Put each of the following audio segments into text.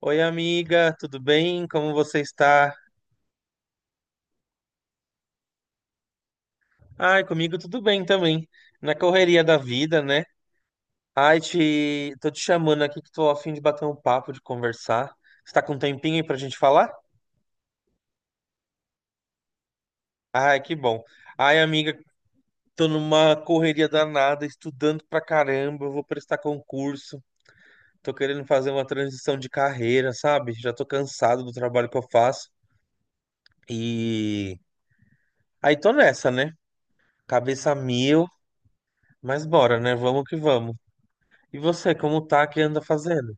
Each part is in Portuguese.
Oi, amiga, tudo bem? Como você está? Ai, comigo tudo bem também. Na correria da vida, né? Tô te chamando aqui que tô a fim de bater um papo, de conversar. Você tá com um tempinho aí pra gente falar? Ai, que bom. Ai, amiga, tô numa correria danada, estudando pra caramba, eu vou prestar concurso. Tô querendo fazer uma transição de carreira, sabe? Já tô cansado do trabalho que eu faço. E aí tô nessa, né? Cabeça a mil, mas bora, né? Vamos que vamos. E você, como tá, que anda fazendo?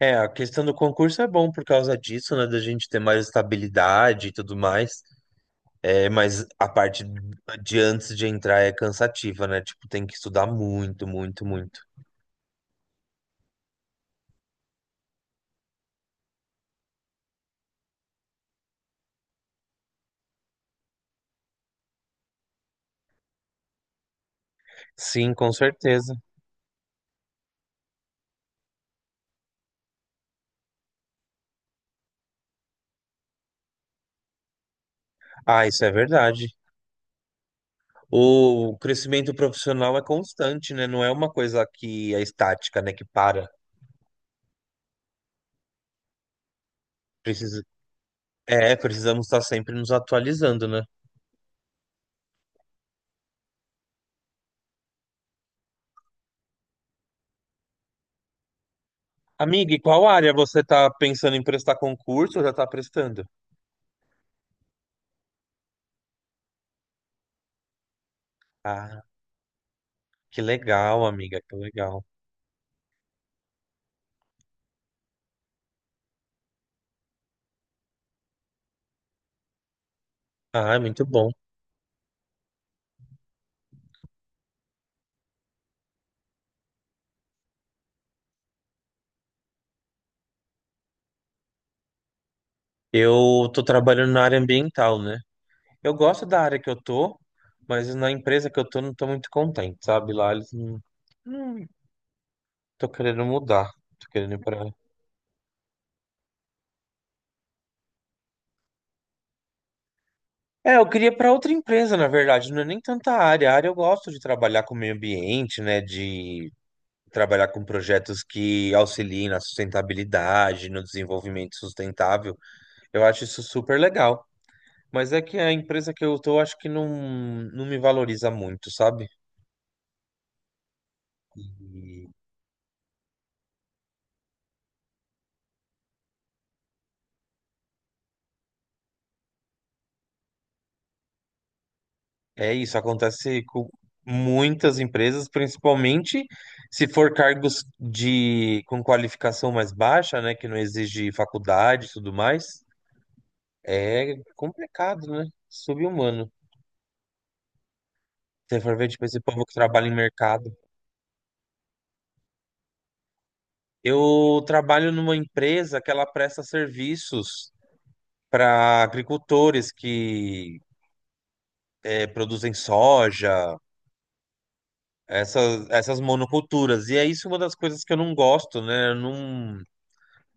É, a questão do concurso é bom por causa disso, né? Da gente ter mais estabilidade e tudo mais. É, mas a parte de antes de entrar é cansativa, né? Tipo, tem que estudar muito, muito, muito. Sim, com certeza. Ah, isso é verdade. O crescimento profissional é constante, né? Não é uma coisa que é estática, né? Que para. Precisa... É, precisamos estar sempre nos atualizando, né? Amiga, e qual área você tá pensando em prestar concurso ou já tá prestando? Ah. Que legal, amiga, que legal. Ah, é muito bom. Eu tô trabalhando na área ambiental, né? Eu gosto da área que eu tô, mas na empresa que eu tô não tô muito contente, sabe? Lá eles não, não Tô querendo mudar, tô querendo ir pra... É, eu queria para outra empresa, na verdade, não é nem tanta área. A área eu gosto de trabalhar com o meio ambiente, né? De trabalhar com projetos que auxiliem na sustentabilidade, no desenvolvimento sustentável. Eu acho isso super legal. Mas é que a empresa que eu tô, acho que não me valoriza muito, sabe? E é isso, acontece com muitas empresas, principalmente se for cargos de com qualificação mais baixa, né, que não exige faculdade e tudo mais. É complicado, né? Sub-humano. Se for ver, tipo, esse povo que trabalha em mercado. Eu trabalho numa empresa que ela presta serviços para agricultores que produzem soja, essas monoculturas. E é isso uma das coisas que eu não gosto, né? Eu Não,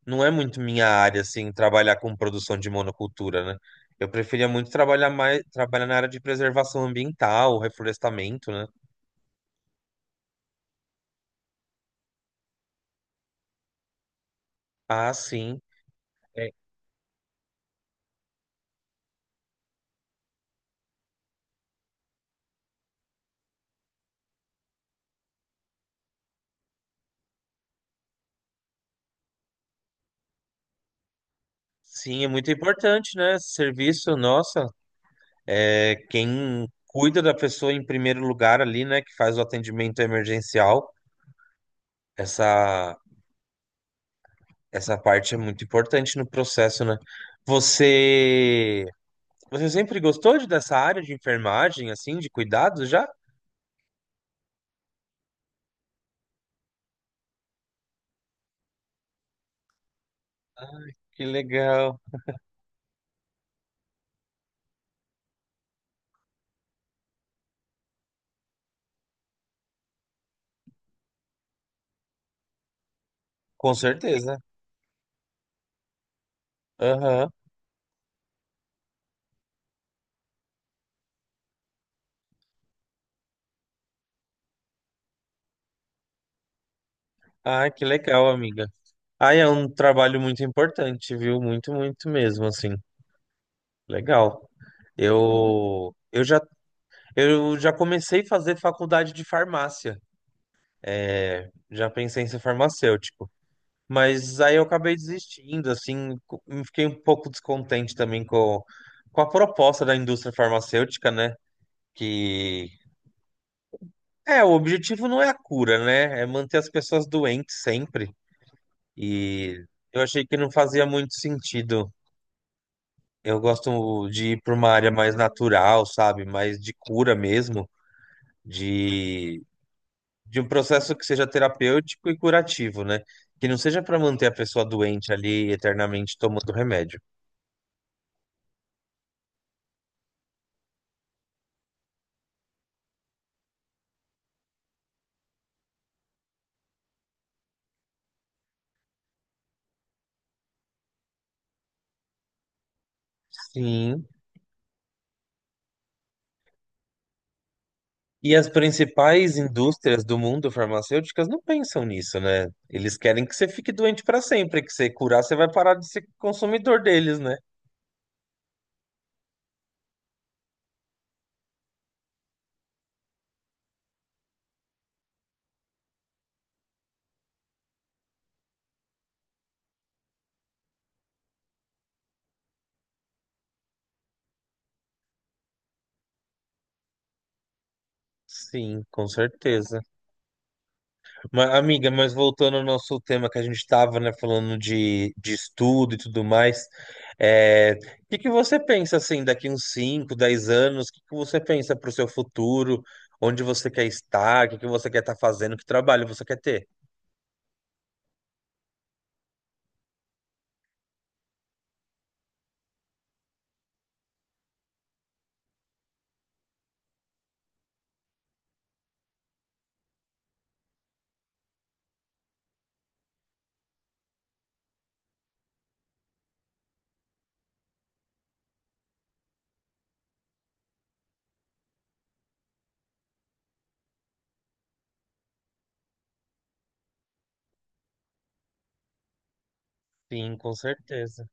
não é muito minha área, assim, trabalhar com produção de monocultura, né? Eu preferia muito trabalhar na área de preservação ambiental, reflorestamento, né? Ah, sim. É, sim, é muito importante, né? Esse serviço, nossa, é quem cuida da pessoa em primeiro lugar ali, né? Que faz o atendimento emergencial. Essa, essa parte é muito importante no processo, né? Você Você sempre gostou de, dessa área de enfermagem, assim, de cuidados já? Que legal. Com certeza. Aham. Ah, que legal, amiga. Ah, é um trabalho muito importante, viu? Muito, muito mesmo, assim. Legal. Eu, eu já, eu já comecei a fazer faculdade de farmácia. É, já pensei em ser farmacêutico. Mas aí eu acabei desistindo, assim, fiquei um pouco descontente também com a proposta da indústria farmacêutica, né? que É, o objetivo não é a cura, né? É manter as pessoas doentes sempre. E eu achei que não fazia muito sentido. Eu gosto de ir para uma área mais natural, sabe? Mais de cura mesmo, de, de um processo que seja terapêutico e curativo, né? Que não seja para manter a pessoa doente ali eternamente tomando remédio. Sim. E as principais indústrias do mundo farmacêuticas não pensam nisso, né? Eles querem que você fique doente para sempre, que você curar, você vai parar de ser consumidor deles, né? Sim, com certeza. Mas, amiga, mas voltando ao nosso tema que a gente estava, né, falando de estudo e tudo mais, é, o que que você pensa, assim, daqui uns 5, 10 anos, o que que você pensa para o seu futuro, onde você quer estar, o que que você quer estar fazendo, que trabalho você quer ter? Sim, com certeza.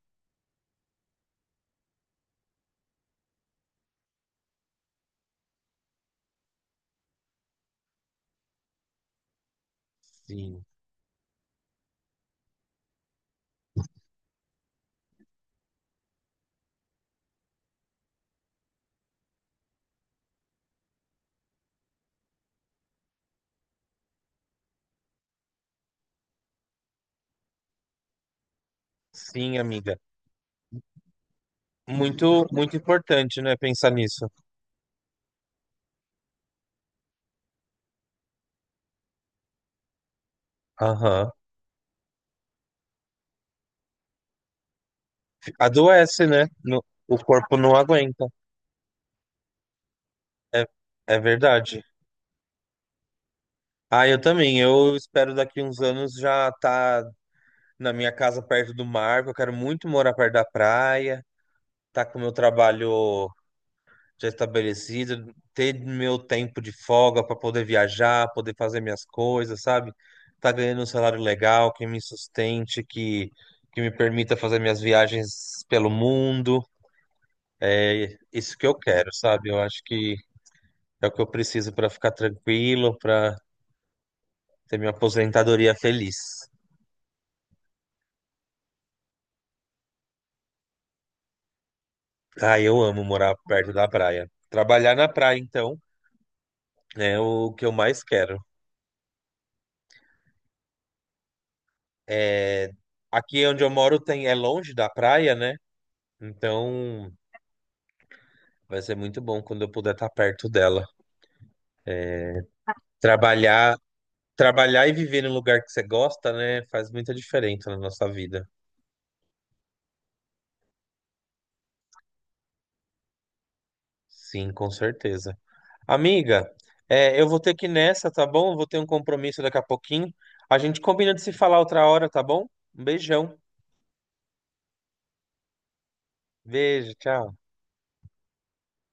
Sim. Sim, amiga. Muito, muito importante, né? Pensar nisso. Aham. Adoece, né? O corpo não aguenta. É, é verdade. Ah, eu também. Eu espero daqui uns anos já tá na minha casa perto do mar. Porque eu quero muito morar perto da praia, tá com o meu trabalho já estabelecido, ter meu tempo de folga para poder viajar, poder fazer minhas coisas, sabe? Tá ganhando um salário legal, que me sustente, que me permita fazer minhas viagens pelo mundo. É isso que eu quero, sabe? Eu acho que é o que eu preciso para ficar tranquilo, para ter minha aposentadoria feliz. Ah, eu amo morar perto da praia. Trabalhar na praia, então, é o que eu mais quero. É... Aqui onde eu moro tem... é longe da praia, né? Então vai ser muito bom quando eu puder estar perto dela. Trabalhar, trabalhar e viver num lugar que você gosta, né? Faz muita diferença na nossa vida. Sim, com certeza. Amiga, é, eu vou ter que ir nessa, tá bom? Eu vou ter um compromisso daqui a pouquinho. A gente combina de se falar outra hora, tá bom? Um beijão. Beijo, tchau.